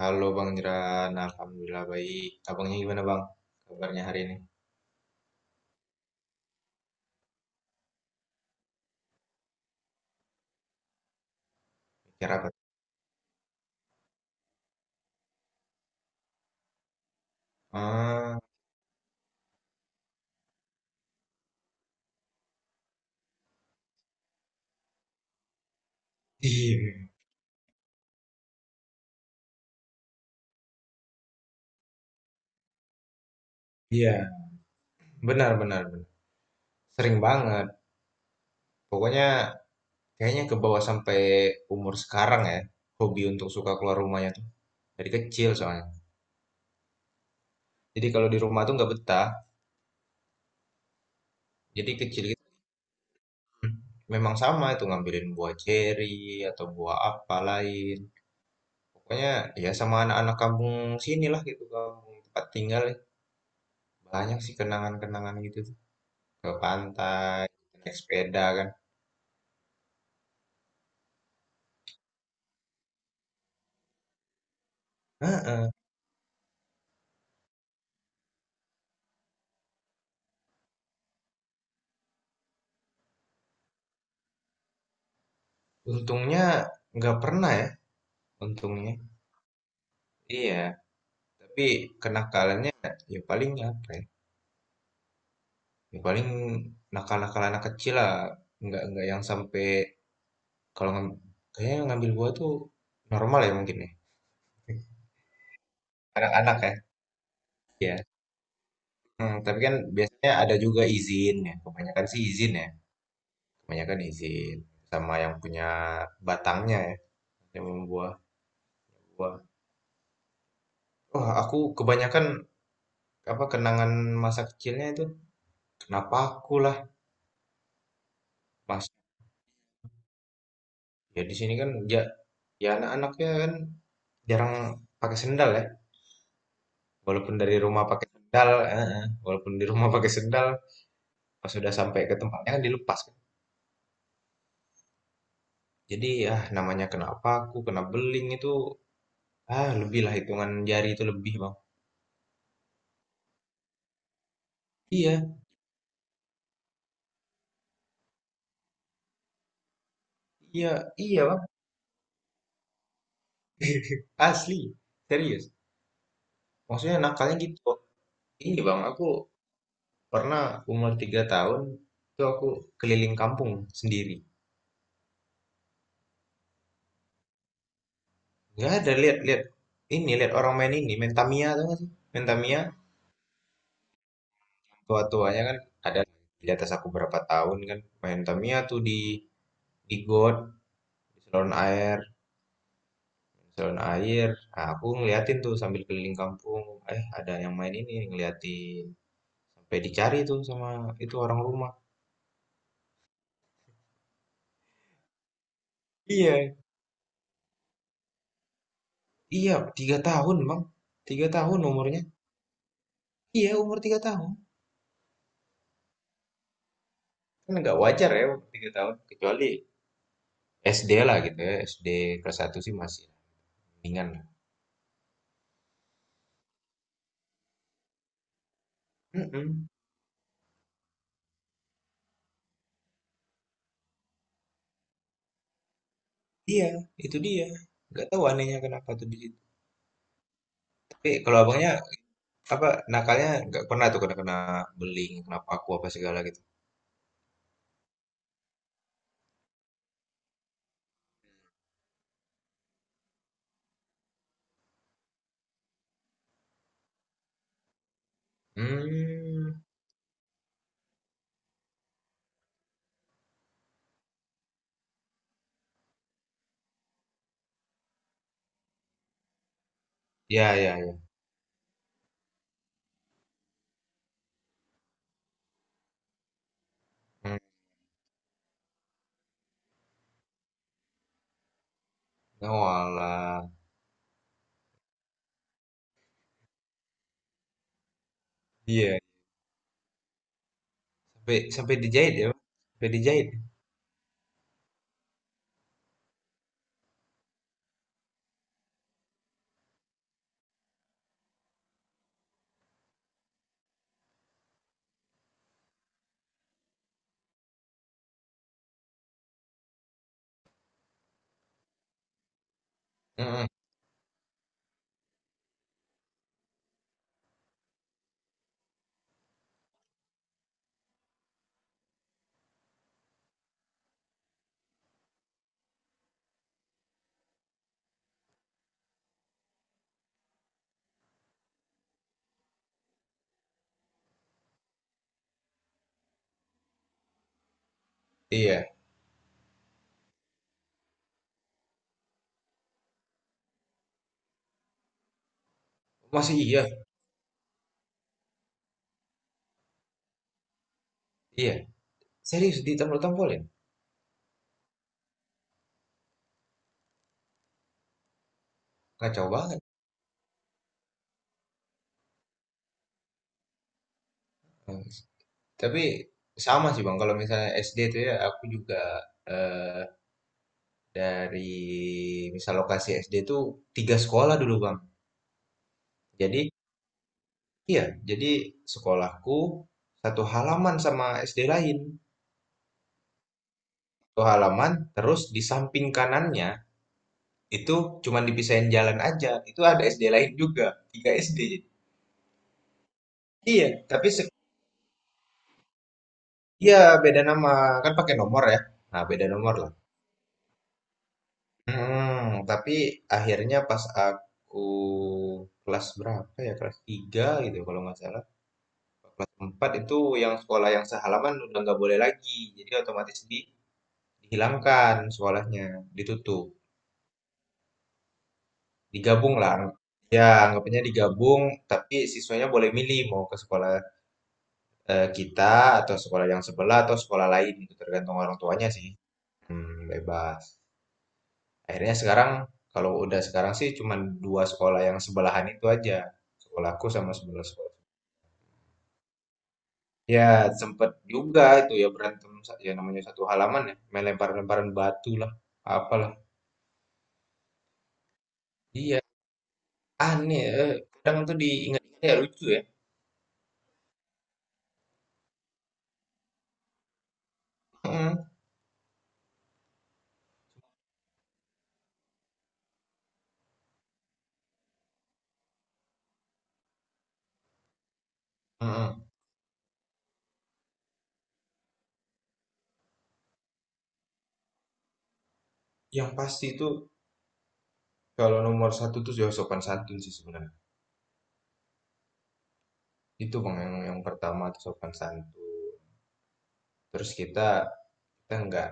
Halo Bang Jeran, Alhamdulillah baik. Abangnya gimana Bang? Kabarnya hari ini? Kira apa? Ah, iya, iya, benar, benar, benar. Sering banget. Pokoknya kayaknya ke bawah sampai umur sekarang ya. Hobi untuk suka keluar rumahnya tuh. Dari kecil soalnya. Jadi kalau di rumah tuh nggak betah. Jadi kecil gitu. hmm, Memang sama itu ngambilin buah ceri atau buah apa lain. Pokoknya ya sama anak-anak kampung sini lah gitu. Kampung tempat tinggal. Ya. Banyak sih kenangan-kenangan gitu. Ke pantai, naik sepeda kan. Hah, untungnya nggak pernah ya, untungnya. Iya, tapi kenakalannya ya paling apa ya? Ya paling nakal-nakal anak kecil lah. Nggak yang sampai kalau ngam- kayaknya yang ngambil buah tuh normal ya mungkin ya. Anak-anak ya. Iya. Tapi kan biasanya ada juga izin ya, kebanyakan sih izin ya, kebanyakan izin sama yang punya batangnya ya, yang membuah buah. Wah, aku kebanyakan apa kenangan masa kecilnya itu kenapa aku lah mas. Ya di sini kan ya anak-anaknya kan jarang pakai sendal ya, walaupun dari rumah pakai sendal walaupun di rumah pakai sendal, pas sudah sampai ke tempatnya kan dilepas kan. Jadi namanya kenapa aku kena beling itu. Ah, lebih lah hitungan jari itu, lebih bang. Iya, iya, iya, bang. Asli, serius, maksudnya nakalnya gitu. Ini bang, aku pernah umur 3 tahun itu aku keliling kampung sendiri. Nggak ada, lihat, lihat. Ini, lihat orang main ini, main Tamiya tuh nggak sih? Main Tamiya, tua-tuanya kan ada di atas aku berapa tahun kan. Main Tamiya tuh di got, di saluran air, di saluran air. Nah, aku ngeliatin tuh sambil keliling kampung. Eh, ada yang main ini, ngeliatin. Sampai dicari tuh sama itu orang rumah. Iya, iya, 3 tahun, Bang. 3 tahun umurnya. Iya, umur 3 tahun. Kan nggak wajar ya umur 3 tahun. Kecuali SD lah gitu ya. SD kelas satu sih masih ringan. Mhm. Iya, itu dia. Nggak tahu anehnya kenapa tuh di situ. Tapi kalau abangnya apa nakalnya nggak pernah tuh kena kena beling, kenapa aku apa segala gitu. Hmm, ya, ya, ya. Hmm. Oh, alah. Iya. Sampai sampai dijahit ya, Bang? Sampai dijahit. Mhm. Iya. Masih iya, iya. Serius ditampol-tampolin. Kacau banget. Hmm. Tapi sama sih bang, kalau misalnya SD tuh ya aku juga eh, dari misal lokasi SD tuh tiga sekolah dulu bang. Jadi, iya, jadi sekolahku satu halaman sama SD lain. Satu halaman, terus di samping kanannya itu cuman dipisahin jalan aja. Itu ada SD lain juga, 3 SD. Iya, tapi iya beda nama, kan pakai nomor ya. Nah, beda nomor lah. Tapi akhirnya pas aku kelas berapa ya? Kelas 3 gitu kalau nggak salah. Kelas 4 itu yang sekolah yang sehalaman udah nggak boleh lagi. Jadi otomatis dihilangkan sekolahnya, ditutup. Digabung lah. Ya, anggapnya digabung, tapi siswanya boleh milih mau ke sekolah kita, atau sekolah yang sebelah atau sekolah lain, gitu, tergantung orang tuanya sih. Bebas. Akhirnya sekarang, kalau udah sekarang sih cuman dua sekolah yang sebelahan itu aja. Sekolahku sama sebelah sekolah. Ya, sempet juga itu ya berantem, ya namanya satu halaman ya, main lempar-lemparan batu lah, apalah. Iya, aneh, eh, kadang tuh diingat-ingat ya lucu ya. Hmm. Heeh. Yang pasti itu kalau nomor satu tuh ya sopan santun sih sebenarnya. Itu bang yang pertama tuh sopan santun. Terus kita kita nggak,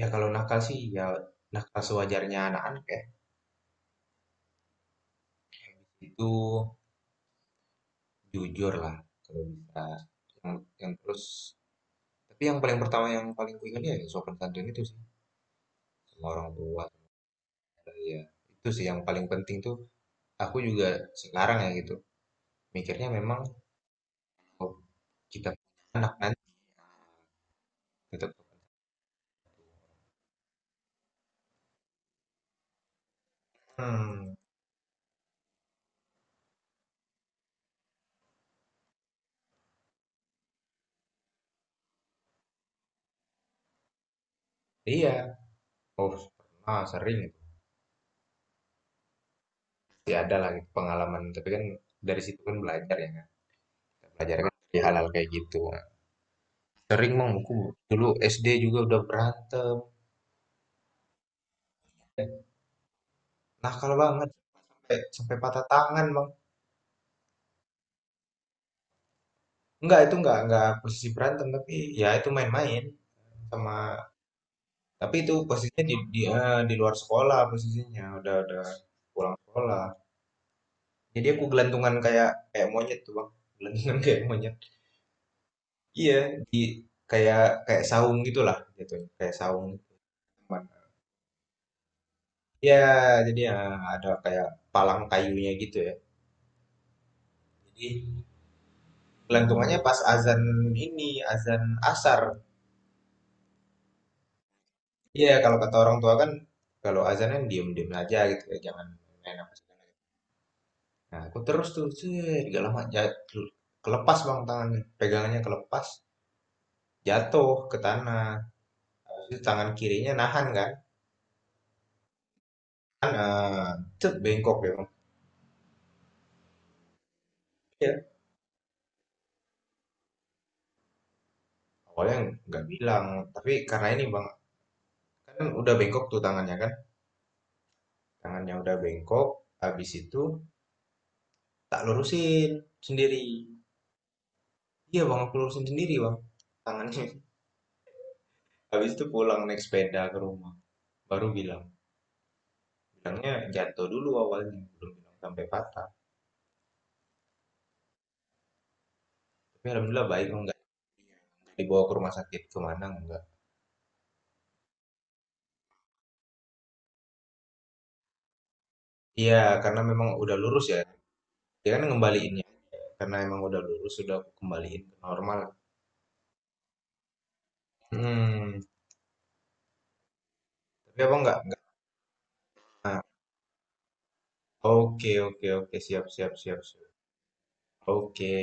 ya kalau nakal sih ya nakal sewajarnya anak-anak ya. Itu jujur lah kalau bisa. Yang terus tapi yang paling pertama yang paling ku ingat ya sopan santun itu sih sama orang tua sama saya. Itu sih yang paling penting tuh aku juga sekarang ya gitu. Mikirnya memang, oh, kita punya anak nanti tetap. Hmm, iya. Oh, pernah, sering itu. Pasti ada lah gitu pengalaman. Tapi kan dari situ kan belajar ya, kan. Belajar kan dari hal-hal kayak gitu. Sering mang aku dulu SD juga udah berantem. Nakal banget. Sampai, sampai patah tangan bang. Enggak, itu enggak posisi berantem. Tapi ya itu main-main sama. Tapi itu posisinya di luar sekolah posisinya. Udah pulang sekolah. Jadi aku gelantungan kayak kayak monyet tuh bang. Gelantungan kayak monyet. Iya, di kayak kayak saung gitulah gitu, kayak saung. Cuman, ya, jadi ya ada kayak palang kayunya gitu ya. Jadi gelantungannya. Oh, pas azan ini, azan asar. Iya, kalau kata orang tua kan kalau azan kan diem-diem aja gitu ya, jangan main apa segala. Nah, aku terus tuh, set, gak lama jatuh, kelepas bang tangannya, pegangannya kelepas, jatuh ke tanah. Terus tangan kirinya nahan kan, kan eh, cet, bengkok ya bang. Awalnya nggak bilang, tapi karena ini bang, kan udah bengkok tuh tangannya kan, tangannya udah bengkok. Habis itu tak lurusin sendiri. Iya bang, aku lurusin sendiri bang tangannya. Habis itu pulang naik sepeda ke rumah, baru bilang. Bilangnya jatuh dulu, awalnya belum bilang sampai patah. Tapi alhamdulillah baik, enggak dibawa ke rumah sakit kemana enggak. Iya, karena memang udah lurus ya, dia kan ngembaliinnya karena emang udah lurus, sudah aku kembaliin ke normal. Hmm. Tapi abang nggak, nah. Oke, oke, oke, siap, siap, siap, siap. Oke.